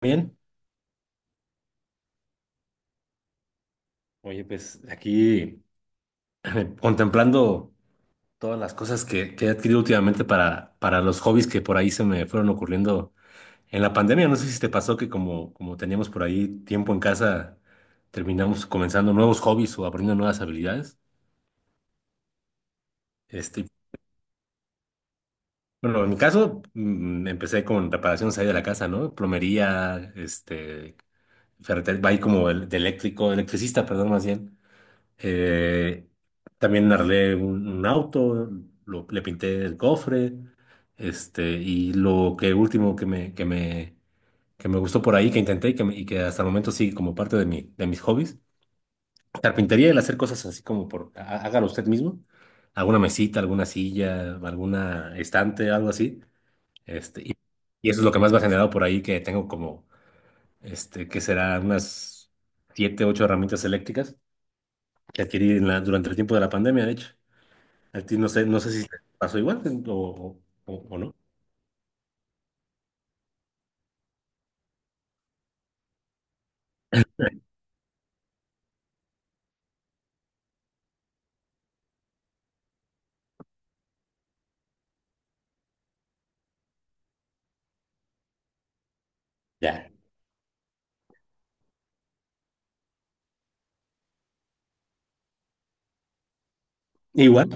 Bien, oye, pues aquí contemplando todas las cosas que he adquirido últimamente para los hobbies que por ahí se me fueron ocurriendo en la pandemia. No sé si te pasó que como teníamos por ahí tiempo en casa, terminamos comenzando nuevos hobbies o aprendiendo nuevas habilidades. Este, bueno, en mi caso empecé con reparaciones ahí de la casa, ¿no? Plomería, ferretería, va ahí como de eléctrico, electricista, perdón, más bien. Eh, también arreglé un auto, le pinté el cofre, y lo que último que me gustó por ahí, que intenté y que, y que hasta el momento sigue como parte de mis hobbies, carpintería, el hacer cosas así como hágalo usted mismo, alguna mesita, alguna silla, alguna estante, algo así, este, y, y eso es lo que más me ha generado por ahí, que tengo como, que será unas siete, ocho herramientas eléctricas que adquirí durante el tiempo de la pandemia, de hecho. A ti no sé si te pasó igual, ¿no? O no. Ya. Igual.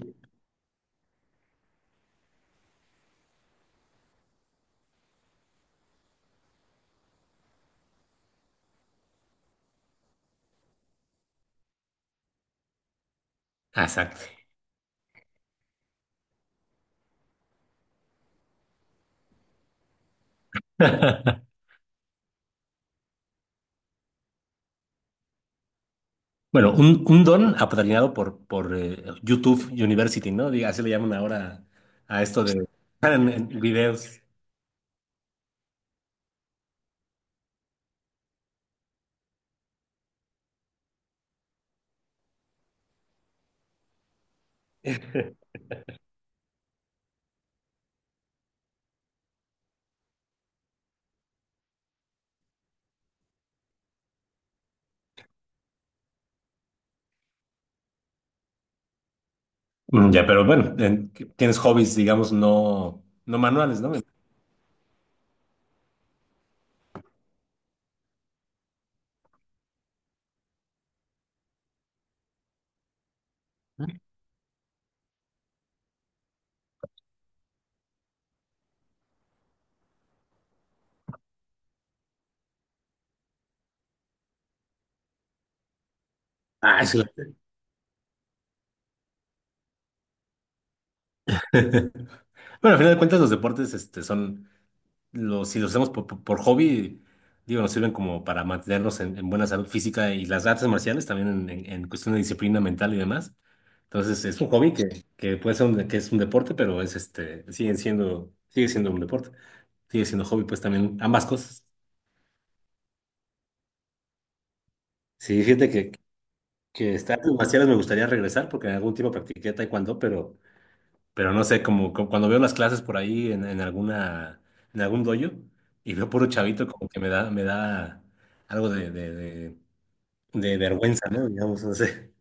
Ah, exacto. Bueno, un don apadrinado por YouTube University, ¿no? Diga, así le llaman ahora a esto de en videos. Ya, pero bueno, tienes hobbies, digamos, no, no manuales, ¿no? Ah, sí. Bueno, al final de cuentas, los deportes son. Si los hacemos por hobby, digo, nos sirven como para mantenernos en buena salud física y las artes marciales también en cuestión de disciplina mental y demás. Entonces, es un hobby que puede ser un deporte, pero es sigue siendo un deporte, sigue siendo hobby, pues también ambas cosas. Sí, fíjate que estas artes marciales me gustaría regresar porque en algún tiempo practiqué taekwondo, pero no sé, como cuando veo las clases por ahí en algún dojo y veo puro chavito, como que me da algo de vergüenza, ¿no? Digamos, no sé.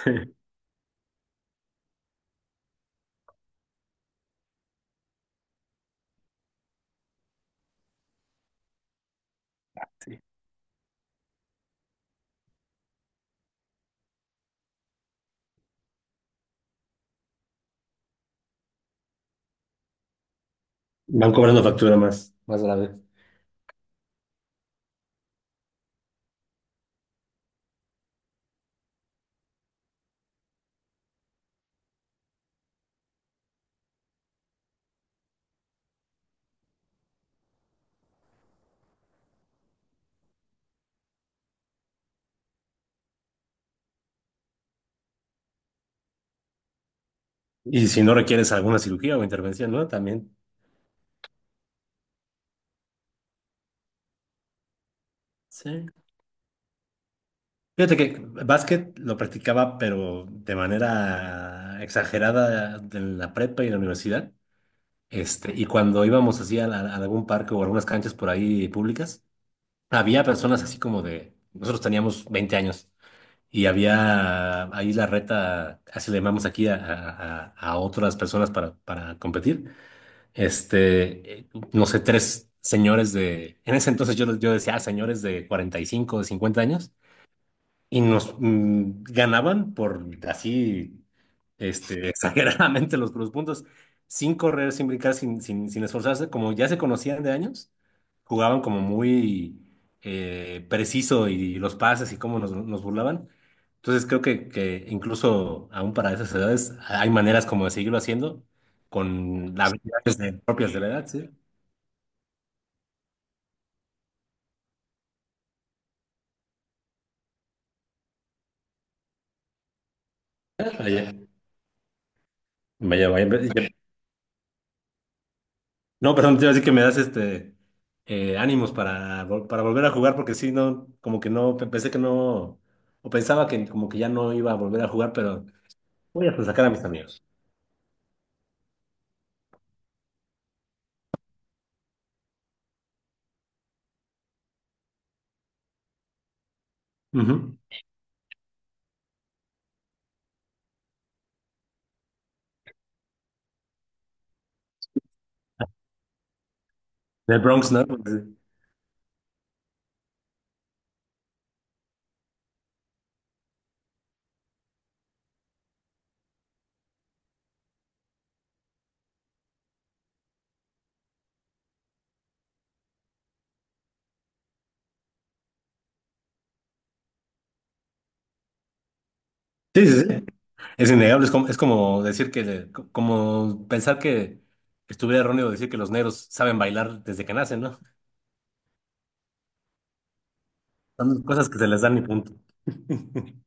Sí. Van cobrando factura más, más grave. Y si no requieres alguna cirugía o intervención, ¿no? También. Sí. Fíjate que básquet lo practicaba, pero de manera exagerada en la prepa y en la universidad. Y cuando íbamos así a algún parque o algunas canchas por ahí públicas, había personas así como de, nosotros teníamos 20 años y había ahí la reta, así le llamamos aquí a otras personas para competir. No sé, tres señores de, en ese entonces yo decía, "Ah, señores de 45 de 50 años y nos ganaban por así, exageradamente los puntos, sin correr, sin brincar, sin esforzarse, como ya se conocían de años, jugaban como muy preciso y los pases y cómo nos burlaban. Entonces creo que incluso aún para esas edades hay maneras como de seguirlo haciendo con habilidades propias de la edad, ¿sí? Vaya, vaya, vaya. No, perdón, te iba a decir que me das ánimos para volver a jugar, porque sí, no, como que no, pensé que no, o pensaba que como que ya no iba a volver a jugar, pero voy a sacar a mis amigos. Ujú. Del Bronx, ¿no? Sí, sí, sí. Sí. Es innegable, es como decir que, como pensar que estuviera erróneo decir que los negros saben bailar desde que nacen, ¿no? Son cosas que se les dan y punto.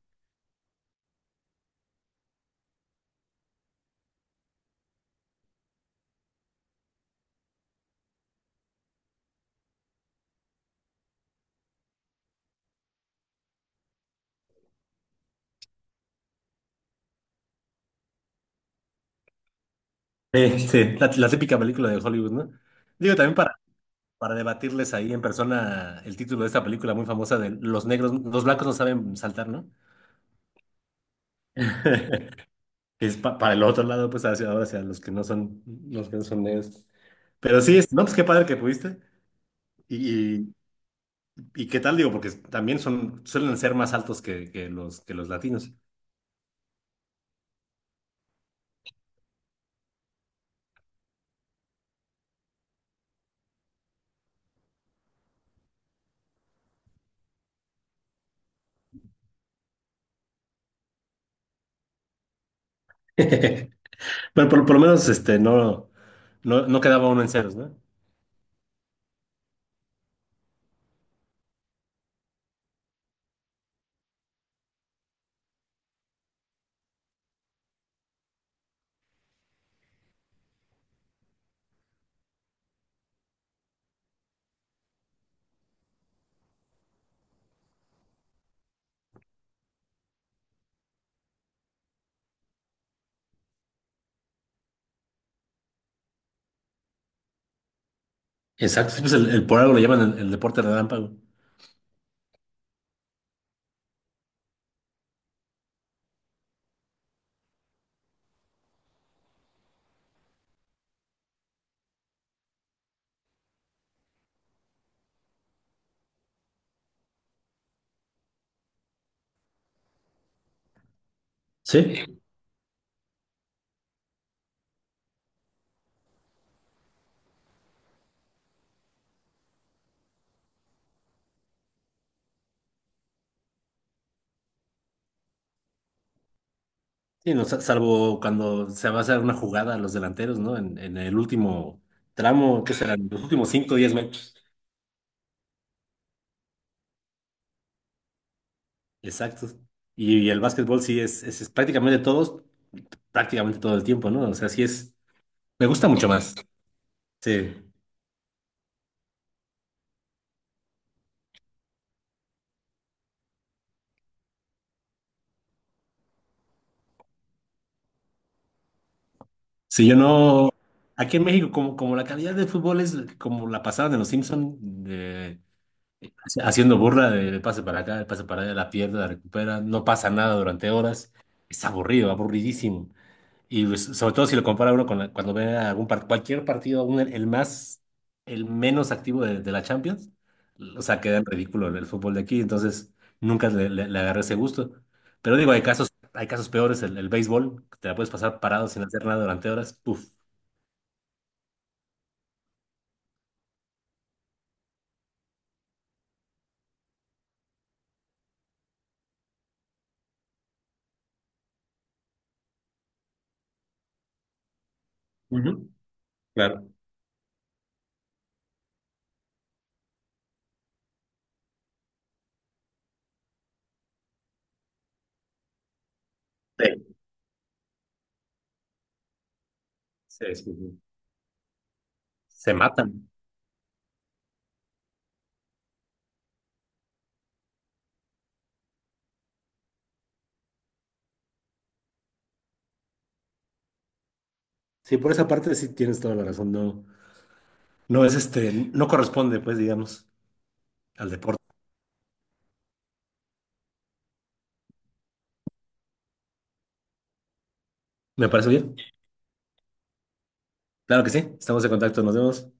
Sí, sí, la típica película de Hollywood, ¿no? Digo, también para debatirles ahí en persona el título de esta película muy famosa de Los negros, los blancos no saben saltar, ¿no? Es para el otro lado, pues hacia ahora, hacia los que no son negros. Pero sí, no, pues qué padre que pudiste. Y, y, y qué tal, digo, porque también suelen ser más altos que los latinos. Bueno, por lo menos no, no, no quedaba uno en ceros, ¿no? Exacto. Sí, pues por algo lo llaman el deporte relámpago. Sí. Sí, no, salvo cuando se va a hacer una jugada a los delanteros, ¿no? En el último tramo, ¿qué serán? Los últimos 5, o 10 metros. Exacto. Y el básquetbol sí es prácticamente prácticamente todo el tiempo, ¿no? O sea, sí es. Me gusta mucho más. Sí. Si yo no. Aquí en México, como la calidad del fútbol es como la pasaban en los Simpson, de- haciendo burla de pase para acá, el pase para allá, la pierda, la recupera, no pasa nada durante horas. Es aburrido, aburridísimo. Y pues, sobre todo si lo compara uno cuando ve cualquier partido, aún el menos activo de la Champions, o sea, queda en ridículo el fútbol de aquí, entonces nunca le agarré ese gusto. Pero digo, hay casos peores, el béisbol, que te la puedes pasar parado sin hacer nada durante horas, puf. Ujú. Claro. Sí. se, se- se matan. Sí, por esa parte sí tienes toda la razón, no, no es no corresponde, pues, digamos, al deporte. ¿Me parece bien? Claro que sí, estamos en contacto, nos vemos.